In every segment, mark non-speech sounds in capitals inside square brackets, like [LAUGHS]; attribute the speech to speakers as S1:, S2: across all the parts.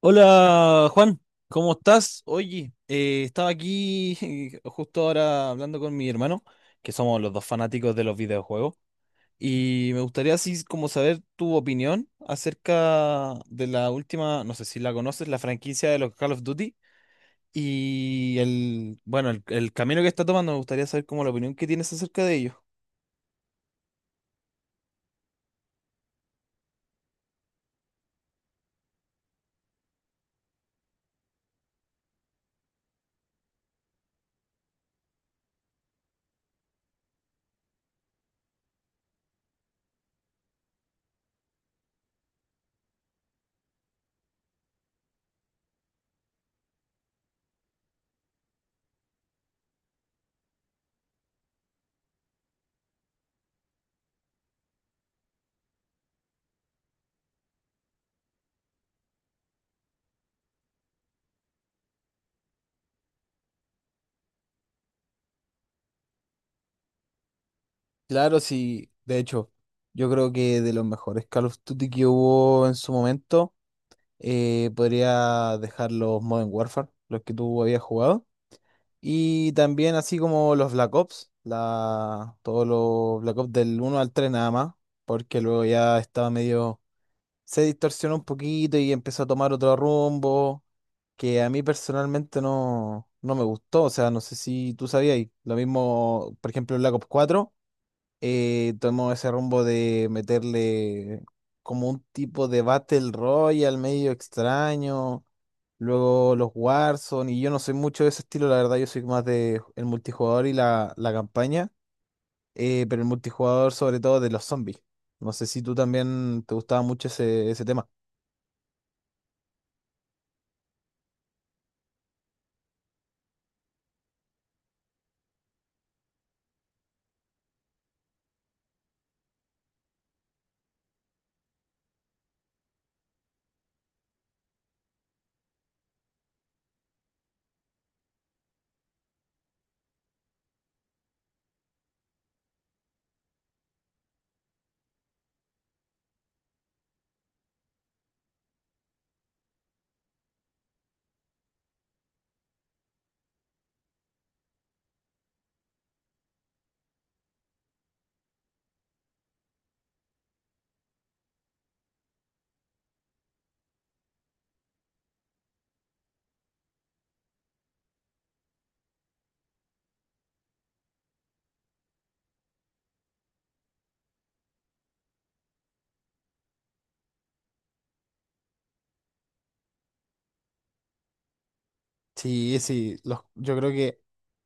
S1: Hola Juan, ¿cómo estás? Oye, estaba aquí [LAUGHS] justo ahora hablando con mi hermano, que somos los dos fanáticos de los videojuegos, y me gustaría así como saber tu opinión acerca de la última, no sé si la conoces, la franquicia de los Call of Duty y el camino que está tomando, me gustaría saber como la opinión que tienes acerca de ello. Claro, sí, de hecho, yo creo que de los mejores Call of Duty que hubo en su momento. Podría dejar los Modern Warfare, los que tú habías jugado. Y también así como los Black Ops, todos los Black Ops del uno al 3 nada más, porque luego ya estaba medio, se distorsionó un poquito y empezó a tomar otro rumbo que a mí personalmente no, no me gustó. O sea, no sé si tú sabías, y lo mismo, por ejemplo, Black Ops 4 tomó ese rumbo de meterle como un tipo de Battle Royale medio extraño, luego los Warzone, y yo no soy mucho de ese estilo, la verdad, yo soy más de el multijugador y la campaña, pero el multijugador sobre todo de los zombies. No sé si tú también te gustaba mucho ese tema. Sí, sí, yo creo que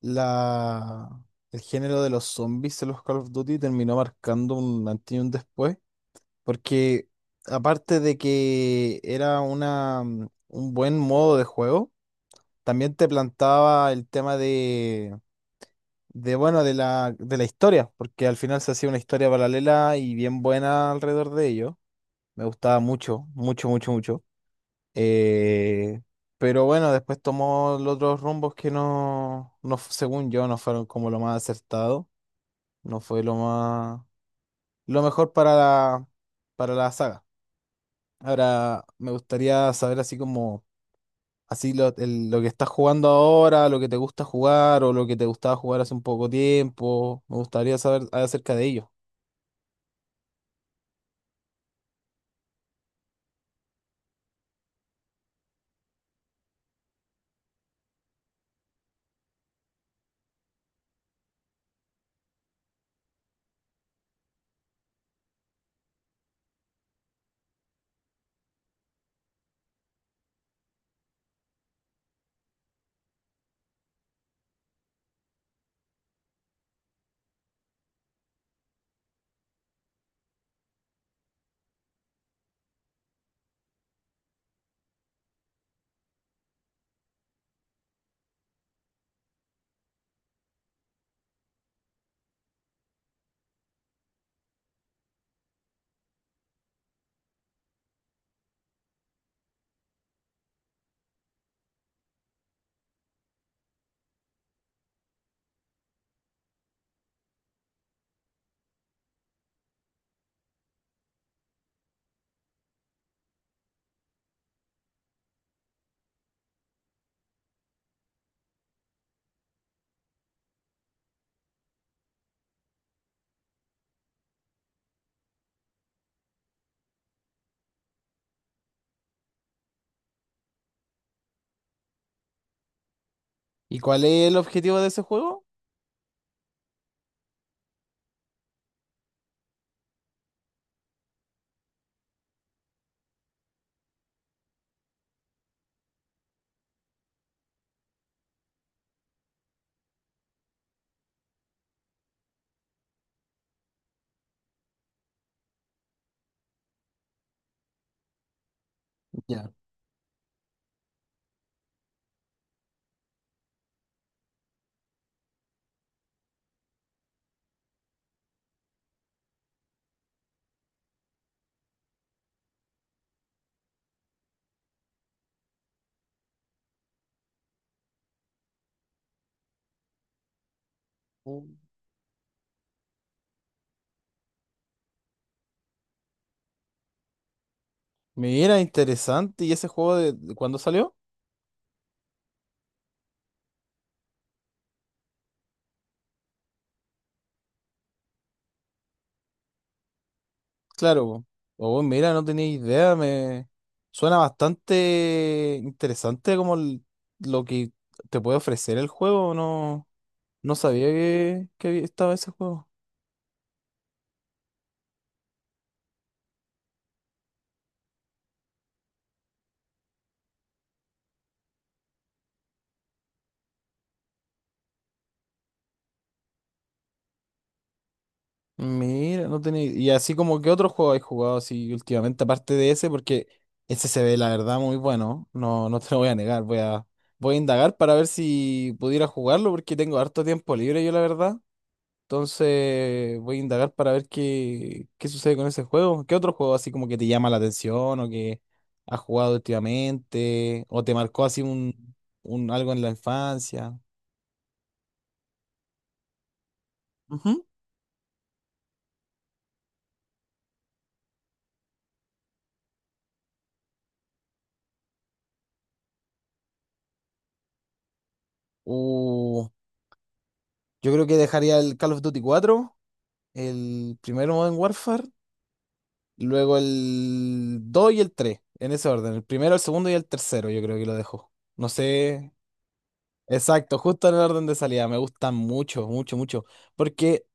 S1: la, el género de los zombies en los Call of Duty terminó marcando un antes y un después. Porque aparte de que era una, un buen modo de juego, también te plantaba el tema de la historia, porque al final se hacía una historia paralela y bien buena alrededor de ello. Me gustaba mucho, mucho, mucho, mucho. Eh, pero bueno, después tomó los otros rumbos que no, según yo, no fueron como lo más acertado, no fue lo más, lo mejor para para la saga. Ahora, me gustaría saber así como, lo que estás jugando ahora, lo que te gusta jugar o lo que te gustaba jugar hace un poco tiempo. Me gustaría saber acerca de ello. ¿Y cuál es el objetivo de ese juego? Ya. Mm. Mira, interesante. ¿Y ese juego de cuándo salió? Claro. Po. Oh, mira, no tenía idea. Me suena bastante interesante como lo que te puede ofrecer el juego. No, no sabía que, estaba ese juego. Mira, no tenía. Y así como que otro juego he jugado así últimamente, aparte de ese, porque ese se ve la verdad muy bueno. No, no te lo voy a negar. Voy a indagar para ver si pudiera jugarlo, porque tengo harto tiempo libre yo, la verdad. Entonces voy a indagar para ver qué sucede con ese juego. ¿Qué otro juego así como que te llama la atención o que has jugado últimamente? ¿O te marcó así un algo en la infancia? Ujú. Uh, yo creo que dejaría el Call of Duty cuatro. El primero Modern Warfare, luego el 2 y el 3 en ese orden. El primero, el segundo y el tercero, yo creo que lo dejo. No sé. Exacto, justo en el orden de salida. Me gustan mucho, mucho, mucho. Porque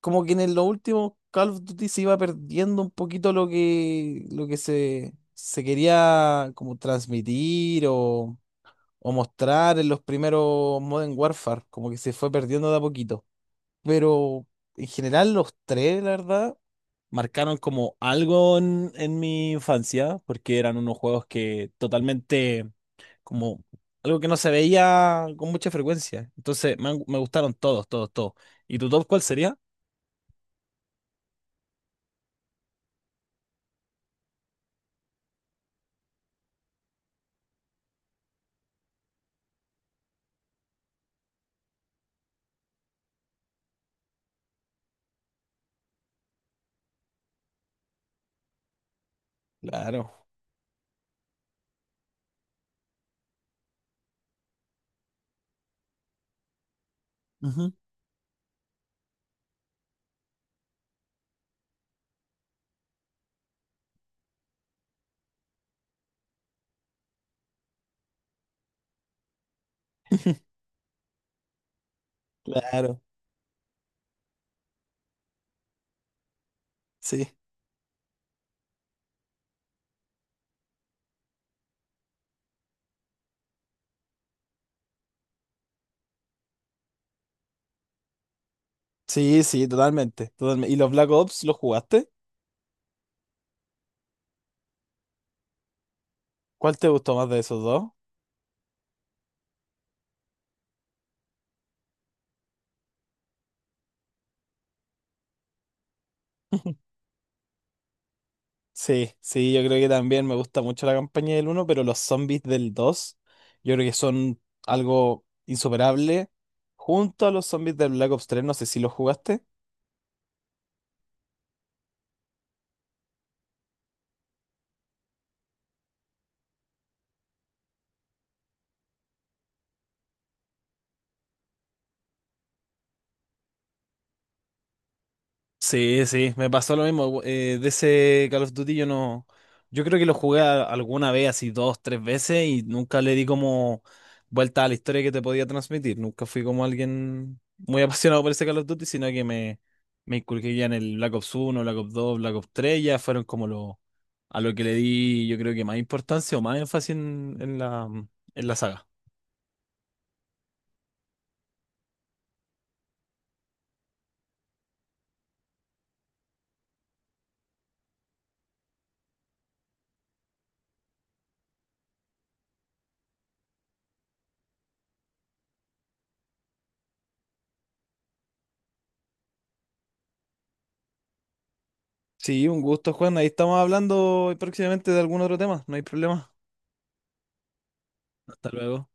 S1: como que en los últimos Call of Duty se iba perdiendo un poquito lo que, se quería como transmitir o mostrar en los primeros Modern Warfare. Como que se fue perdiendo de a poquito. Pero en general los tres, la verdad, marcaron como algo en mi infancia, porque eran unos juegos que totalmente, como algo que no se veía con mucha frecuencia. Entonces me gustaron todos, todos, todos. ¿Y tu top cuál sería? Claro. Ujú. Claro. Sí, sí, sí, totalmente, totalmente. ¿Y los Black Ops los jugaste? ¿Cuál te gustó más de esos dos? Sí, sí, yo creo que también me gusta mucho la campaña del uno pero los zombies del 2 yo creo que son algo insuperable. Junto a los zombies del Black Ops 3 no sé si los jugaste. Sí, sí, me pasó lo mismo. De ese Call of Duty yo no. Yo creo que lo jugué alguna vez, así dos, tres veces, y nunca le di como vuelta a la historia que te podía transmitir. Nunca fui como alguien muy [LAUGHS] apasionado por ese Call of Duty, sino que me inculqué ya en el Black Ops uno, Black Ops 2, Black Ops 3. Ya fueron como lo, a lo que le di, yo creo que más importancia o más énfasis en en la saga. Sí, un gusto, Juan. Ahí estamos hablando próximamente de algún otro tema. No hay problema. Hasta luego.